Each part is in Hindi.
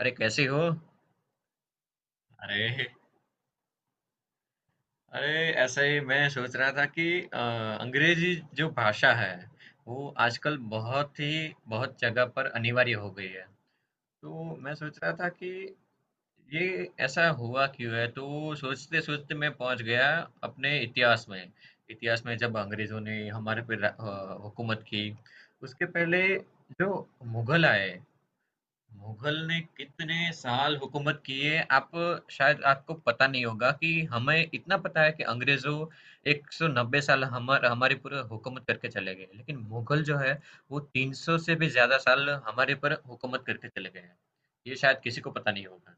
अरे, कैसी हो? अरे। अरे। ऐसा ही मैं सोच रहा था कि अ, अंग्रेजी जो भाषा है वो आजकल बहुत ही बहुत जगह पर अनिवार्य हो गई है। तो मैं सोच रहा था कि ये ऐसा हुआ क्यों है, तो सोचते सोचते मैं पहुंच गया अपने इतिहास में। इतिहास में जब अंग्रेजों ने हमारे पे हुकूमत की। उसके पहले जो मुगल आए, मुगल ने कितने साल हुकूमत की है? आप शायद आपको पता नहीं होगा। कि हमें इतना पता है कि अंग्रेजों 190 साल हमारे पूरे हुकूमत करके चले गए, लेकिन मुगल जो है वो 300 से भी ज्यादा साल हमारे पर हुकूमत करके चले गए हैं। ये शायद किसी को पता नहीं होगा।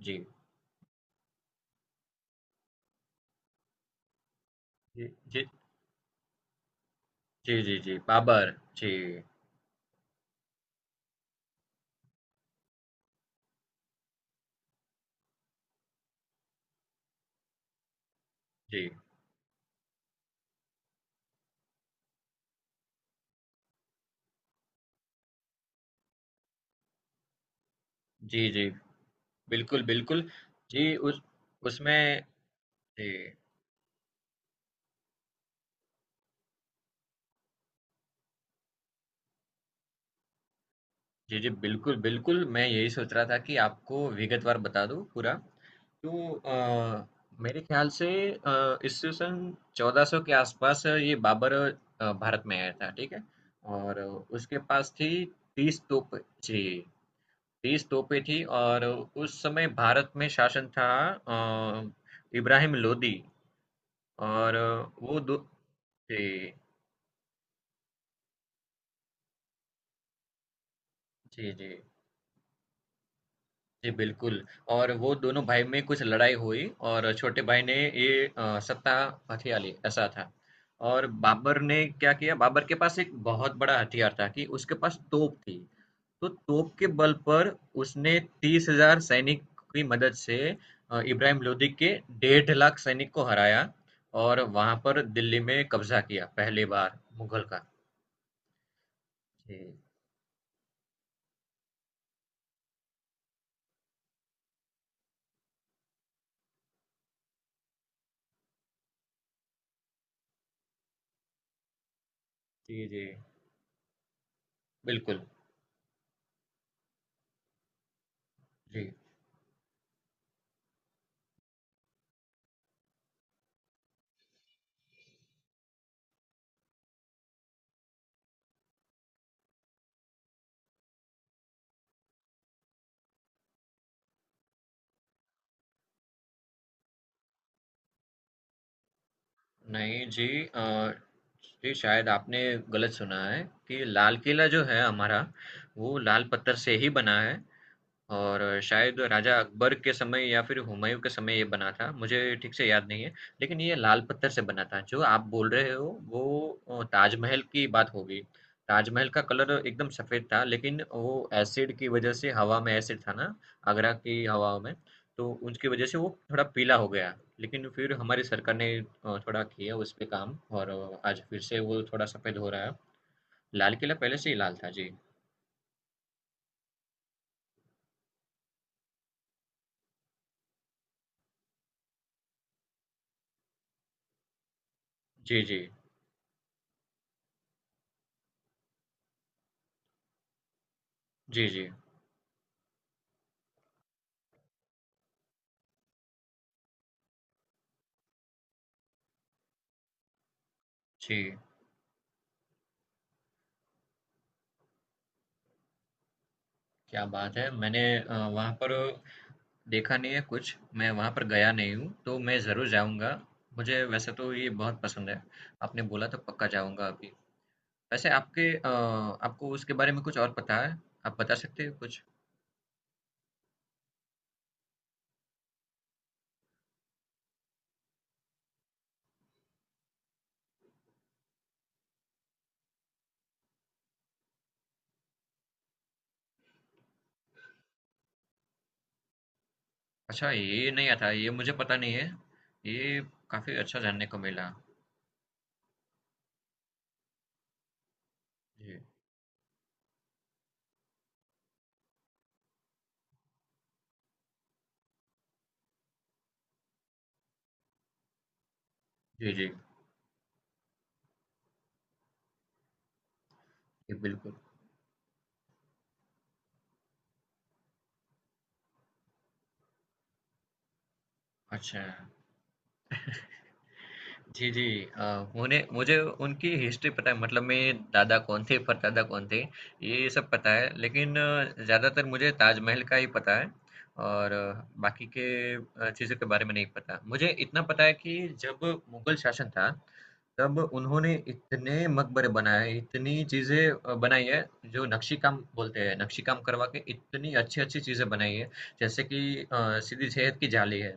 जी। जी। जी। जी। जी। जी, बाबर। जी। जी। जी। जी, बिल्कुल बिल्कुल। जी। उस उसमें जी, जी, जी, बिल्कुल, बिल्कुल, मैं यही सोच रहा था कि आपको विगतवार बता दूँ पूरा। तो मेरे ख़्याल से ईस्वी सन 1400 के आसपास ये बाबर भारत में आया था, ठीक है? और उसके पास थी 30 तोप, जी, 30 तोपें थी। और उस समय भारत में शासन था अ, इब्राहिम लोदी। और वो दो, जी, जी, जी। जी, बिल्कुल। और वो दोनों भाई में कुछ लड़ाई हुई, और छोटे भाई ने ये सत्ता हथिया ली, ऐसा था। और बाबर ने क्या किया, बाबर के पास एक बहुत बड़ा हथियार था कि उसके पास तोप थी। तो तोप के बल पर उसने 30,000 सैनिक की मदद से इब्राहिम लोदी के 1.5 लाख सैनिक को हराया। और वहां पर दिल्ली में कब्जा किया, पहली बार मुगल का। जी। जी। जी, बिल्कुल। जी। नहीं जी। अ, जी, शायद आपने गलत सुना है। कि लाल किला जो है हमारा, वो लाल पत्थर से ही बना है। और शायद राजा अकबर के समय या फिर हुमायूं के समय ये बना था, मुझे ठीक से याद नहीं है। लेकिन ये लाल पत्थर से बना था। जो आप बोल रहे हो वो ताजमहल की बात होगी। ताजमहल का कलर एकदम सफ़ेद था, लेकिन वो एसिड की वजह से, हवा में एसिड था ना, आगरा की हवाओं में, तो उसकी वजह से वो थोड़ा पीला हो गया। लेकिन फिर हमारी सरकार ने थोड़ा किया उस पे काम, और आज फिर से वो थोड़ा सफ़ेद हो रहा है। लाल किला पहले से ही लाल था। जी। जी, जी। जी, जी। जी। क्या बात है! मैंने वहाँ पर देखा नहीं है कुछ, मैं वहाँ पर गया नहीं हूँ, तो मैं ज़रूर जाऊँगा। मुझे वैसे तो ये बहुत पसंद है, आपने बोला तो पक्का जाऊँगा अभी। वैसे आपके आपको उसके बारे में कुछ और पता है? आप बता सकते हो कुछ? अच्छा, ये नहीं आता, ये मुझे पता नहीं है। ये काफ़ी अच्छा जानने को मिला। जी, जी, जी, जी, बिल्कुल। अच्छा। जी, जी। उन्हें मुझे उनकी हिस्ट्री पता है, मतलब मेरे दादा कौन थे, परदादा कौन थे, ये सब पता है। लेकिन ज़्यादातर मुझे ताजमहल का ही पता है, और बाकी के चीज़ों के बारे में नहीं पता। मुझे इतना पता है कि जब मुग़ल शासन था, तब उन्होंने इतने मकबरे बनाए, इतनी चीज़ें बनाई है, जो नक्शी काम बोलते हैं। नक्शी काम करवा के इतनी अच्छी-अच्छी चीज़ें बनाई है। जैसे कि सिद्दी विजय की जाली है।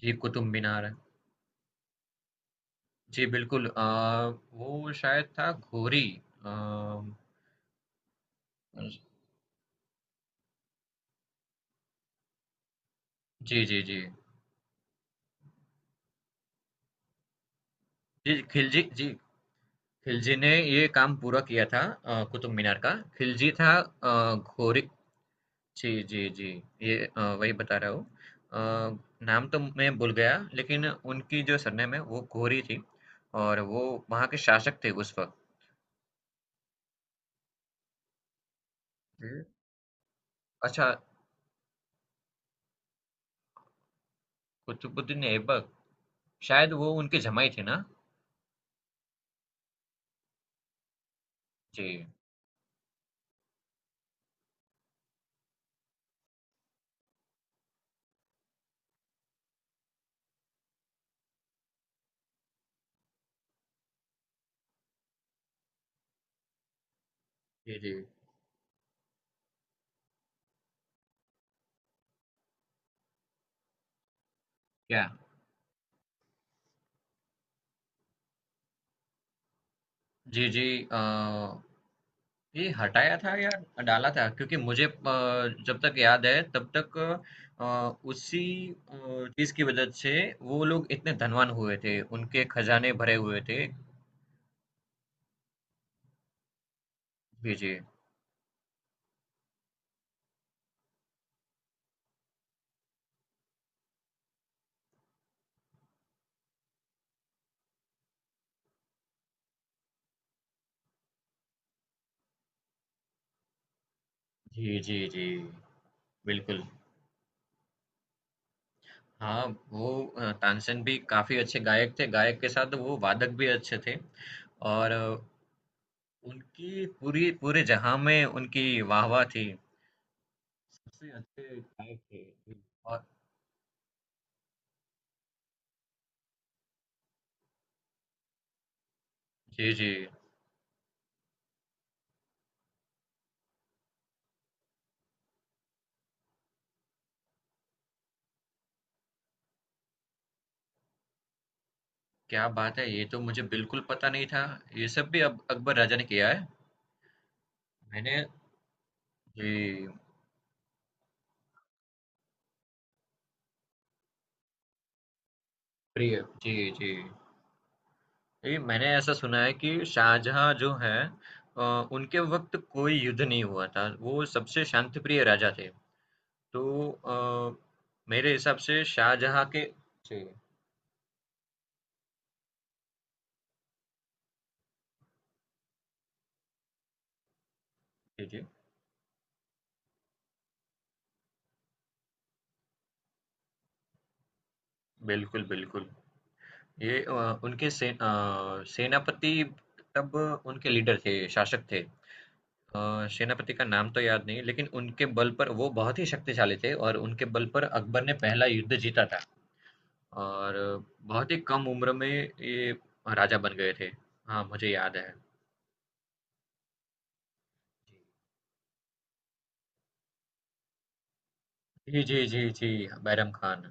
जी, कुतुब मीनार। जी, बिल्कुल। वो शायद था घोरी। अ, जी, जी, जी। जी, खिलजी, जी, खिलजी ने ये काम पूरा किया था कुतुब मीनार का। खिलजी था। घोरी। जी, जी, जी। ये वही बता रहा हूँ। अ, नाम तो मैं भूल गया, लेकिन उनकी जो सरनेम है वो घोरी थी। और वो वहाँ के शासक थे उस वक़्त। हुँ। अच्छा, कुतुबुद्दीन ऐबक, शायद वो उनके जमाई थे ना? जी। जी, जी। क्या? जी, जी। अ ये हटाया था या डाला था, क्योंकि मुझे, जब तक याद है तब तक, अ, उसी चीज की वजह से वो लोग इतने धनवान हुए थे, उनके खजाने भरे हुए थे। जी। जी। जी। जी। जी, बिल्कुल। हाँ। वो तानसेन भी काफी अच्छे गायक थे, गायक के साथ वो वादक भी अच्छे थे। और उनकी पूरी, पूरे जहां में उनकी वाहवाह थी, सबसे अच्छे गायक थे। और जी। जी। क्या बात है! ये तो मुझे बिल्कुल पता नहीं था। ये सब भी अब अकबर राजा ने किया है? मैंने, जी, प्रिय जी, जी। जी, मैंने ऐसा सुना है कि शाहजहाँ जो हैं अ, उनके वक़्त कोई युद्ध नहीं हुआ था। वो सबसे शांतिप्रिय राजा थे। तो मेरे हिसाब से शाहजहाँ के, जी, जी, जी। बिल्कुल, बिल्कुल। ये उनके से सेनापति तब उनके लीडर थे, शासक थे। सेनापति का नाम तो याद नहीं, लेकिन उनके बल पर वो बहुत ही शक्तिशाली थे, और उनके बल पर अकबर ने पहला युद्ध जीता था। और बहुत ही कम उम्र में ये राजा बन गए थे। हाँ, मुझे याद है। जी, जी, जी, जी। बैरम खान।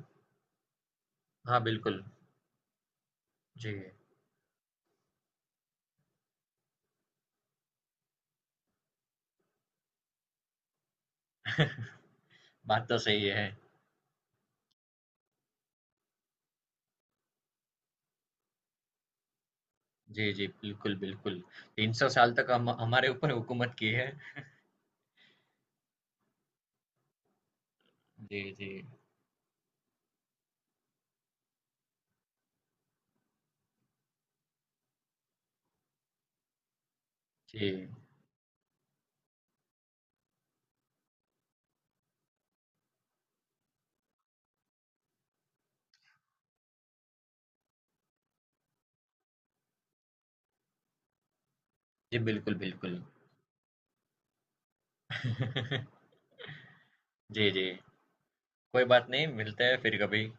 हाँ, बिल्कुल। जी। बात तो सही है। जी, जी, बिल्कुल, बिल्कुल, 300 साल तक हम हमारे ऊपर हुकूमत की है। जी। जी। जी। जी, बिल्कुल बिल्कुल। जी, जी। कोई बात नहीं, मिलते हैं फिर कभी।